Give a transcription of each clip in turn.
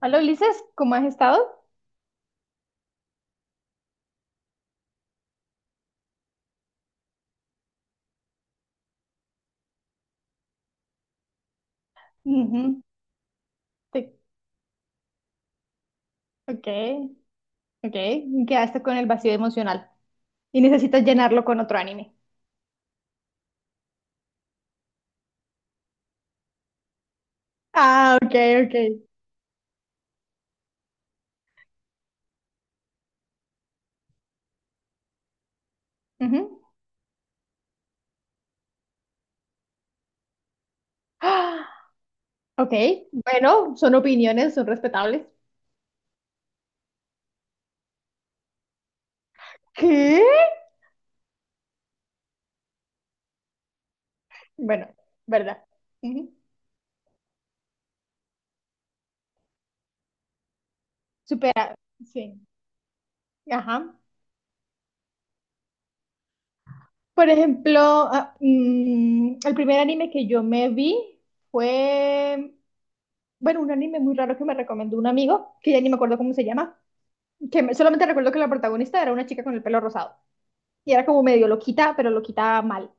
Hola Ulises, ¿cómo has estado? Ujú. te- Ok, ok. Quedaste con el vacío emocional y necesitas llenarlo con otro anime. Ah, ok, ok. Ujú. Ah, ok, bueno, son opiniones, son respetables. ¿Qué? Bueno, ¿verdad? Ujú. Supera, sí. Ajá. Por ejemplo, el primer anime que yo me vi fue, bueno, un anime muy raro que me recomendó un amigo, que ya ni me acuerdo cómo se llama. Solamente recuerdo que la protagonista era una chica con el pelo rosado y era como medio loquita, pero loquita mal.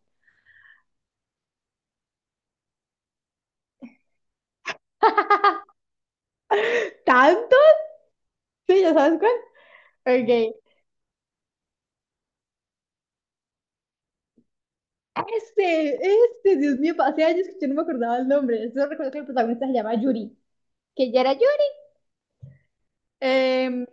¿Tanto? Sí, ya sabes cuál. Ok. Dios mío, hace años que yo no me acordaba el nombre. Solo recuerdo que el protagonista se llama Yuri, que ya era Yuri. Em,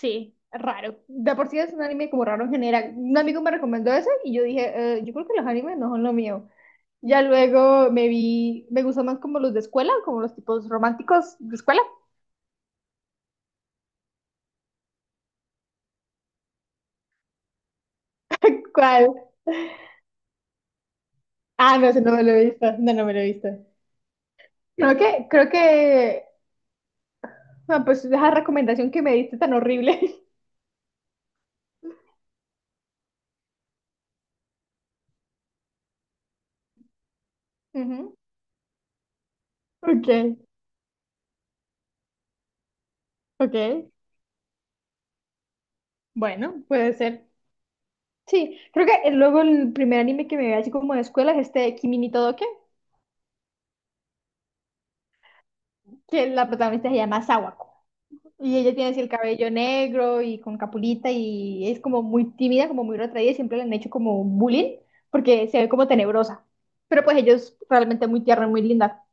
sí, raro. De por sí es un anime como raro en general. Un amigo me recomendó ese y yo dije, yo creo que los animes no son lo mío. Ya luego me vi, me gustan más como los de escuela, como los tipos románticos de escuela. ¿Cuál? Ah, no, ese no me lo he visto, no, no me lo he visto. Creo que, creo que, ah, pues esa recomendación que me diste tan horrible. Ujú. Ok, ok, bueno, puede ser. Sí, creo que luego el primer anime que me vi así como de escuela es este de Kimi ni Todoke, que la protagonista se llama Sawa. Y ella tiene así el cabello negro y con capulita y es como muy tímida, como muy retraída y siempre le han hecho como bullying porque se ve como tenebrosa. Pero pues ella es realmente muy tierna, y muy linda.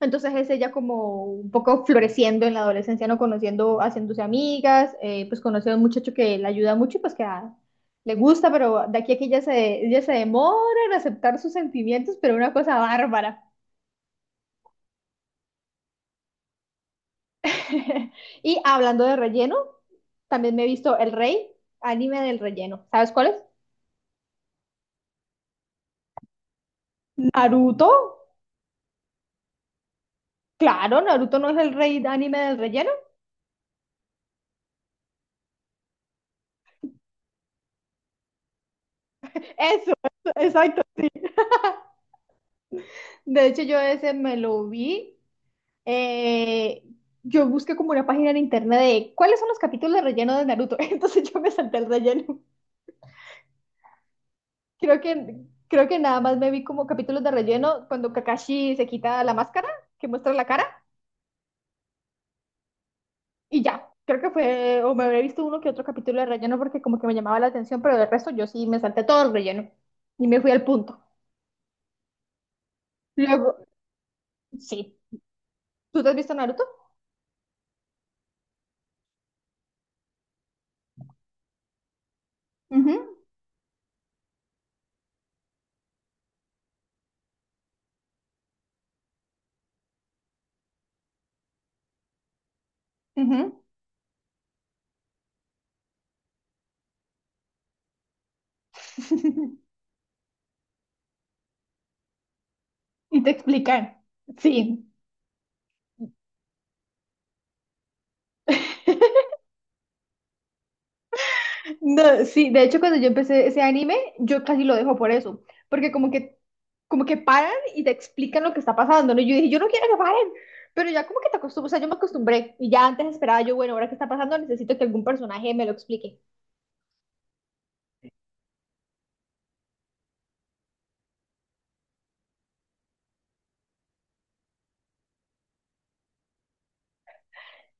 Entonces es ella como un poco floreciendo en la adolescencia, ¿no? Conociendo, haciéndose amigas, pues conoce a un muchacho que le ayuda mucho y pues le gusta, pero de aquí a aquí ella se demora en aceptar sus sentimientos, pero una cosa bárbara. Y hablando de relleno, también me he visto El Rey, anime del relleno. ¿Sabes cuál es? Naruto. Claro, Naruto no es el rey de anime del relleno. Eso, eso, exacto. De hecho, yo ese me lo vi. eh, yo busqué como una página en internet de cuáles son los capítulos de relleno de Naruto. Entonces yo me salté el relleno. Creo que, Creo que nada más me vi como capítulos de relleno cuando Kakashi se quita la máscara, que muestra la cara. Y ya, creo que fue, o me habré visto uno que otro capítulo de relleno porque como que me llamaba la atención, pero del resto yo sí me salté todo el relleno y me fui al punto. Luego, sí. ¿Tú te has visto Naruto? Ujú, ujú. Y te explican. Sí. No, sí, de hecho cuando yo empecé ese anime, yo casi lo dejo por eso, porque como que, como que paran y te explican lo que está pasando, ¿no? Y yo dije, yo no quiero que paren, pero ya como que te acostumbras, o sea, yo me acostumbré y ya antes esperaba yo, bueno, ahora qué está pasando, necesito que algún personaje me lo explique.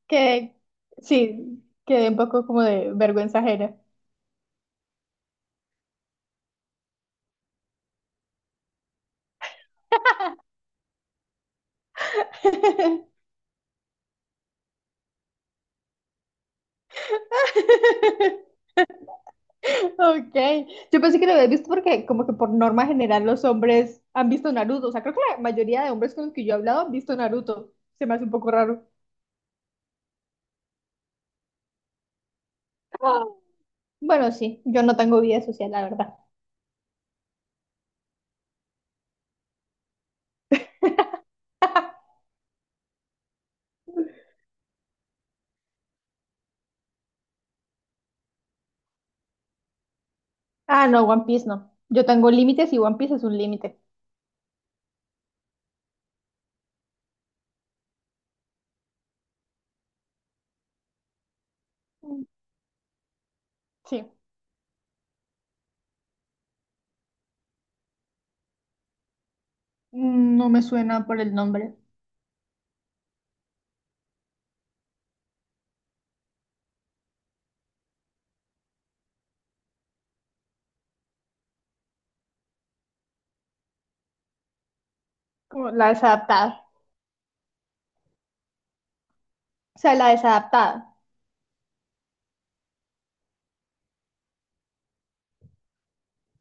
Que sí, quedé un poco como de vergüenza ajena. Ok, yo pensé que lo habías visto porque como que por norma general los hombres han visto Naruto. O sea, creo que la mayoría de hombres con los que yo he hablado han visto Naruto. Se me hace un poco raro. Ah. Bueno, sí, yo no tengo vida social, la verdad. Ah, no, One Piece no. Yo tengo límites y One Piece es un límite. Mm, sí, mm, no me suena por el nombre. Como la desadaptada. O sea, la desadaptada.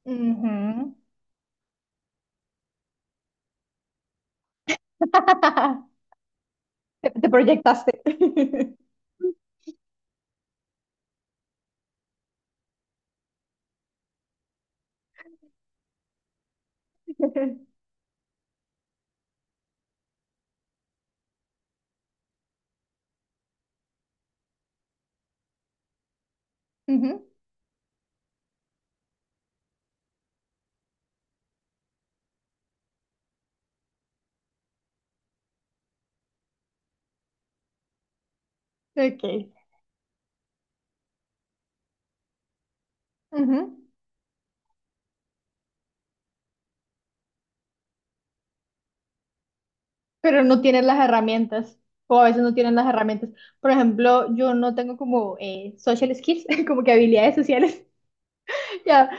Ujú. Te proyectaste. Ujú, ok, ujú. Pero no tienes las herramientas, o a veces no tienen las herramientas. Por ejemplo, yo no tengo como social skills, como que habilidades sociales. Ya,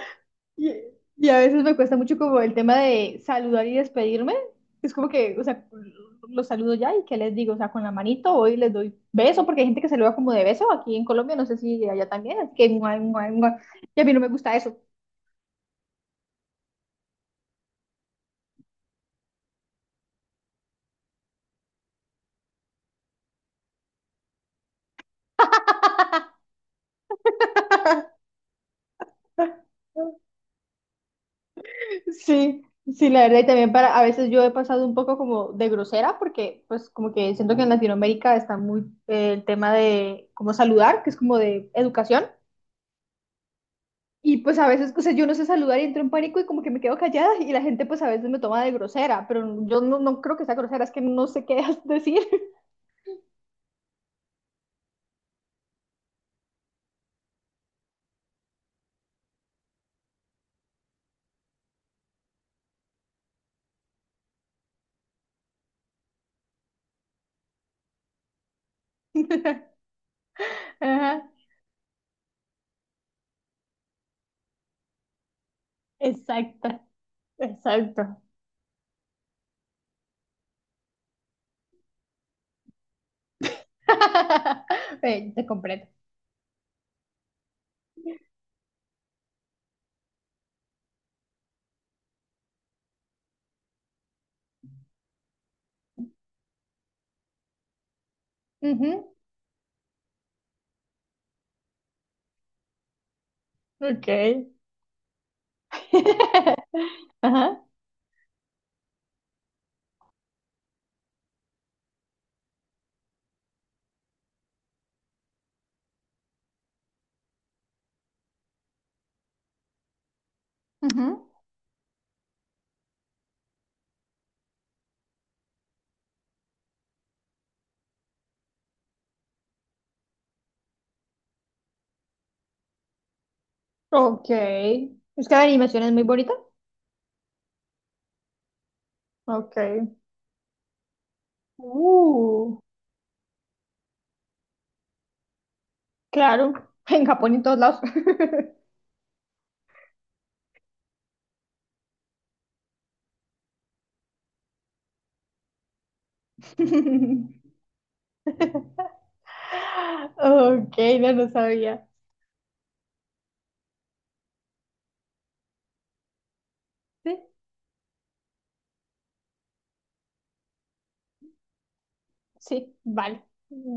y, y a veces me cuesta mucho como el tema de saludar y despedirme. Es como que, o sea, los saludo ya y qué les digo, o sea, con la manito voy y les doy beso, porque hay gente que se saluda como de beso aquí en Colombia, no sé si allá también, así que guay, guay, guay. Y a mí no me gusta eso. Sí, sí, la verdad, y también para, a veces yo he pasado un poco como de grosera, porque pues como que siento que en Latinoamérica está muy el tema de cómo saludar, que es como de educación, y pues a veces, o sea, yo no sé saludar y entro en pánico y como que me quedo callada y la gente pues a veces me toma de grosera, pero yo no, no creo que sea grosera, es que no sé qué decir. Ajá, exacto, exacto. Te comprendo. Ujú, ok. Ajá, ujú. Ok. Es que la animación es muy bonita. Ok. Uh, claro. En Japón y en todos lados. Ok, no lo sabía. Sí, sí, vale.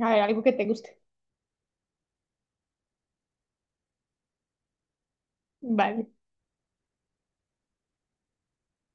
A ver, algo que te guste. Vale.